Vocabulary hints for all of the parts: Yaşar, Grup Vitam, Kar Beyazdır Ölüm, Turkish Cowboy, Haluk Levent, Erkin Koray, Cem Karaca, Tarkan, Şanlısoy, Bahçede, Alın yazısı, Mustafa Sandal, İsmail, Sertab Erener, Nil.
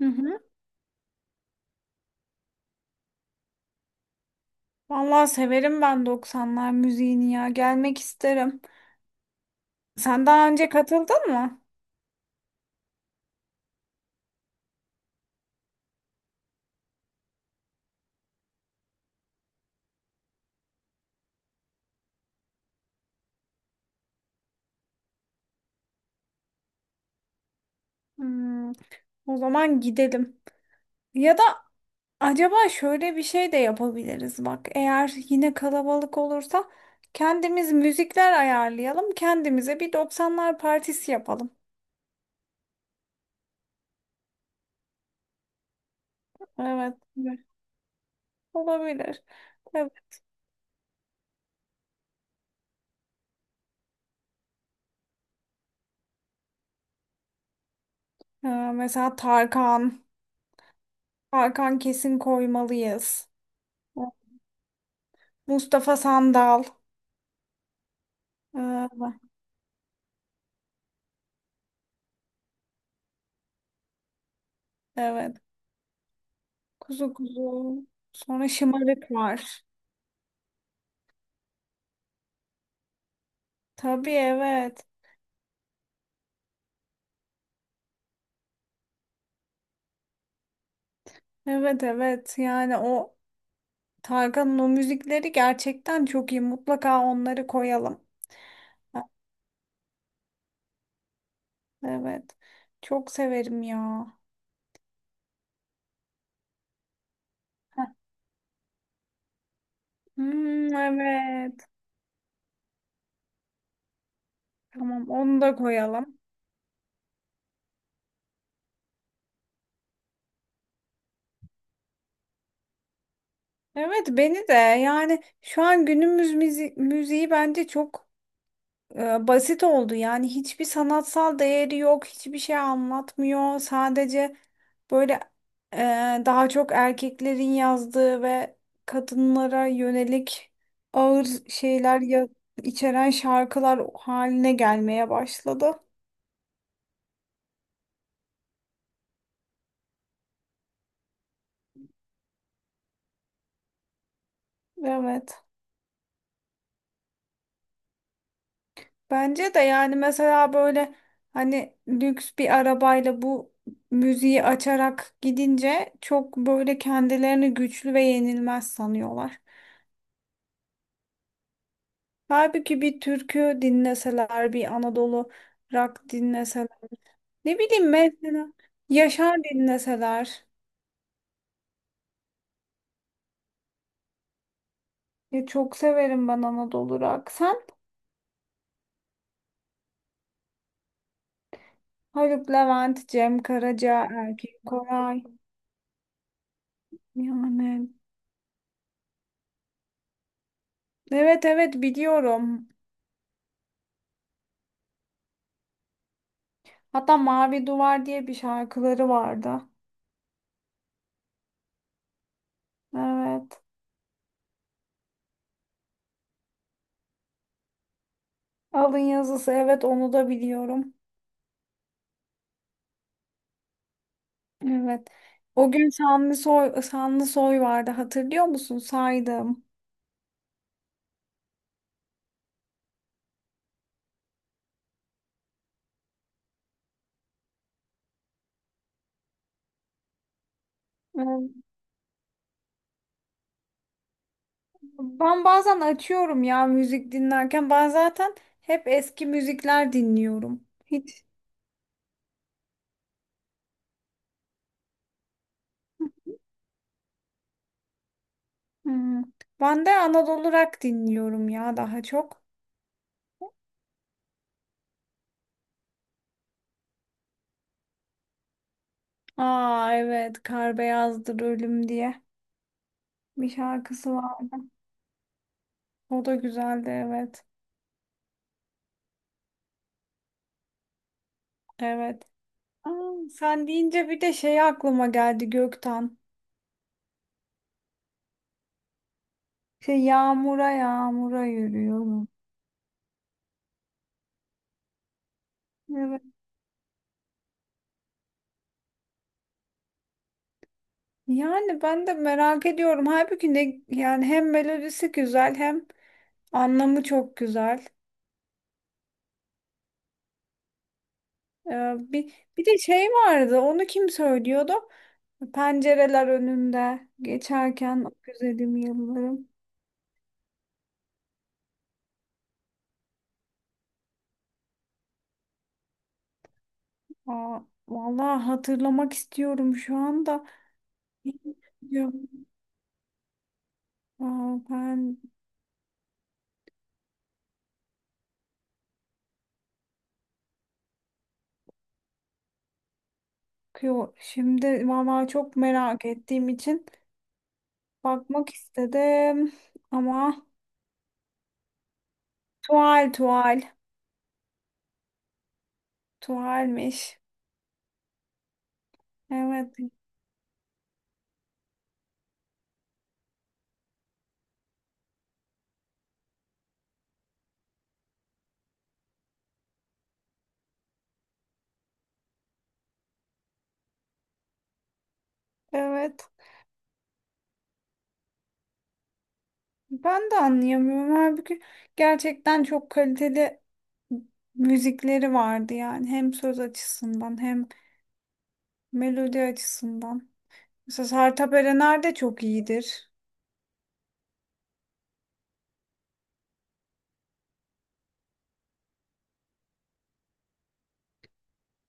Hı hı. Vallahi severim ben 90'lar müziğini ya. Gelmek isterim. Sen daha önce katıldın mı? Hmm, O zaman gidelim. Ya da acaba şöyle bir şey de yapabiliriz bak. Eğer yine kalabalık olursa kendimiz müzikler ayarlayalım. Kendimize bir 90'lar partisi yapalım. Evet. Evet. Olabilir. Evet. Ee, Mesela Tarkan. Tarkan kesin koymalıyız. Mustafa Sandal. Ee, Evet. Kuzu kuzu. Sonra şımarık var. Tabii, evet. Evet, evet. Yani o Tarkan'ın o müzikleri gerçekten çok iyi. Mutlaka onları koyalım. Evet. Çok severim ya. Heh. Hmm, evet. Tamam, onu da koyalım. Evet, beni de. Yani şu an günümüz müziği bence çok basit oldu. Yani hiçbir sanatsal değeri yok, hiçbir şey anlatmıyor. Sadece böyle e, daha çok erkeklerin yazdığı ve kadınlara yönelik ağır şeyler içeren şarkılar haline gelmeye başladı. Evet. Bence de. Yani mesela böyle, hani lüks bir arabayla bu müziği açarak gidince çok böyle kendilerini güçlü ve yenilmez sanıyorlar. Halbuki bir türkü dinleseler, bir Anadolu rock dinleseler. Ne bileyim, mesela Yaşar dinleseler. Ya, çok severim ben Anadolu rock. Sen. Haluk Levent, Cem Karaca, Erkin Koray. Yani, evet evet, biliyorum. Hatta Mavi Duvar diye bir şarkıları vardı. Evet. Alın yazısı, evet onu da biliyorum. Evet. O gün Şanlısoy, Şanlısoy vardı hatırlıyor musun? Saydım. Evet. Ben bazen açıyorum ya müzik dinlerken. Ben zaten hep eski müzikler dinliyorum. Hiç. Hmm. Ben de Anadolu rock dinliyorum ya, daha çok. Aa, evet, Kar Beyazdır Ölüm diye bir şarkısı vardı. O da güzeldi, evet. Evet. Aa, sen deyince bir de şey aklıma geldi, Gökten. Şey, yağmura yağmura yürüyorum. Evet. Yani ben de merak ediyorum. Halbuki ne, yani hem melodisi güzel hem anlamı çok güzel. Bir de şey vardı, onu kim söylüyordu? Pencereler önünde geçerken o güzelim yıllarım. Aa, vallahi hatırlamak istiyorum şu anda. Yok, aa, ben, yo, şimdi vallahi çok merak ettiğim için bakmak istedim ama tuval tuval tuvalmiş. Evet, evet. Ben de anlayamıyorum. Halbuki gerçekten çok kaliteli müzikleri vardı yani, hem söz açısından hem melodi açısından. Mesela Sertab Erener de çok iyidir.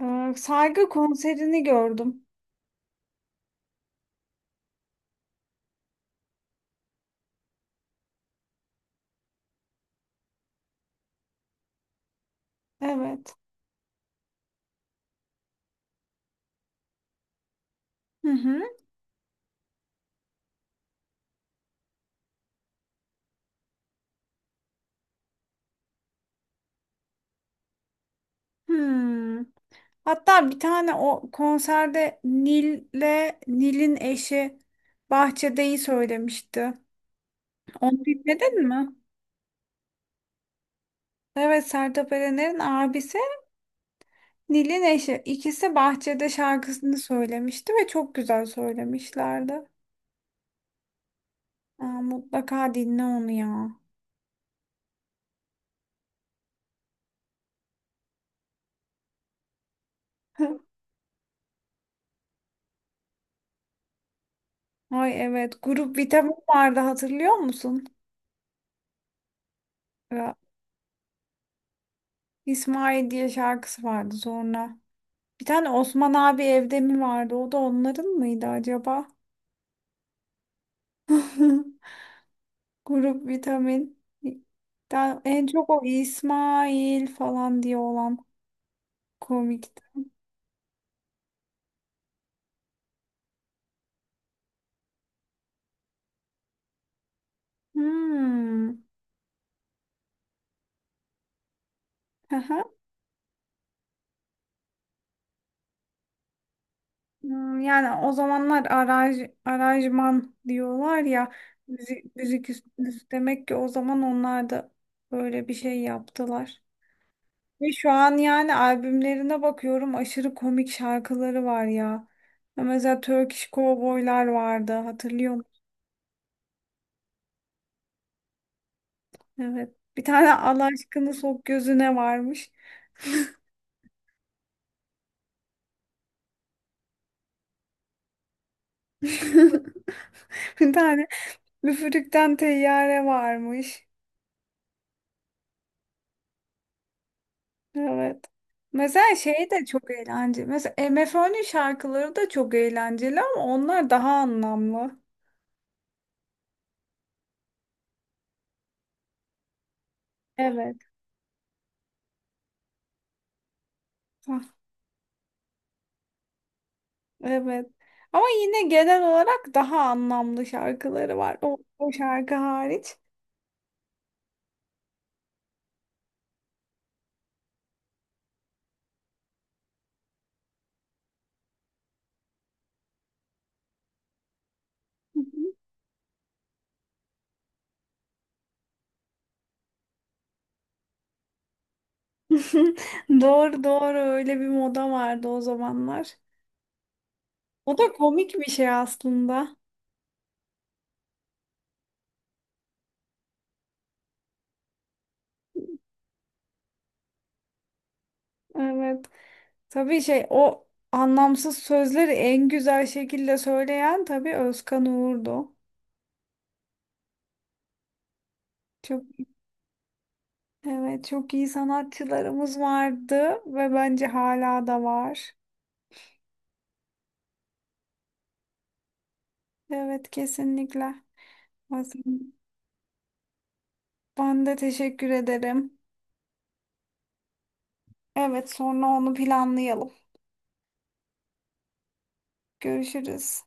Saygı konserini gördüm. Evet. Hı hı. Hmm. Hatta bir tane o konserde Nil'le Nil'in eşi Bahçede'yi söylemişti. Onu dinledin mi? Evet, Sertab Erener'in abisi Nil'in eşi. İkisi Bahçede şarkısını söylemişti ve çok güzel söylemişlerdi. Aa, mutlaka dinle onu ya. Ay, evet, Grup Vitam'ın vardı hatırlıyor musun? Ya, İsmail diye şarkısı vardı sonra. Bir tane Osman abi evde mi vardı? O da onların mıydı acaba? Grup Vitamin. Ben en çok o İsmail falan diye olan komikti. Hmm. Yani o zamanlar aranjman diyorlar ya, demek ki o zaman onlar da böyle bir şey yaptılar. Ve şu an yani albümlerine bakıyorum, aşırı komik şarkıları var ya. Ya, mesela Turkish Cowboy'lar vardı hatırlıyor musun? Evet. Bir tane Allah aşkını sok gözüne varmış. Bir tane Müfürükten Teyyare varmış. Evet. Mesela şey de çok eğlenceli. Mesela MFÖ'nün şarkıları da çok eğlenceli ama onlar daha anlamlı. Evet. Hah, evet. Ama yine genel olarak daha anlamlı şarkıları var. O şarkı hariç. Doğru doğru, öyle bir moda vardı o zamanlar. O da komik bir şey aslında. Evet. Tabii şey, o anlamsız sözleri en güzel şekilde söyleyen tabii Özkan Uğur'du. Çok Evet, çok iyi sanatçılarımız vardı ve bence hala da var. Evet, kesinlikle. Ben de teşekkür ederim. Evet, sonra onu planlayalım. Görüşürüz.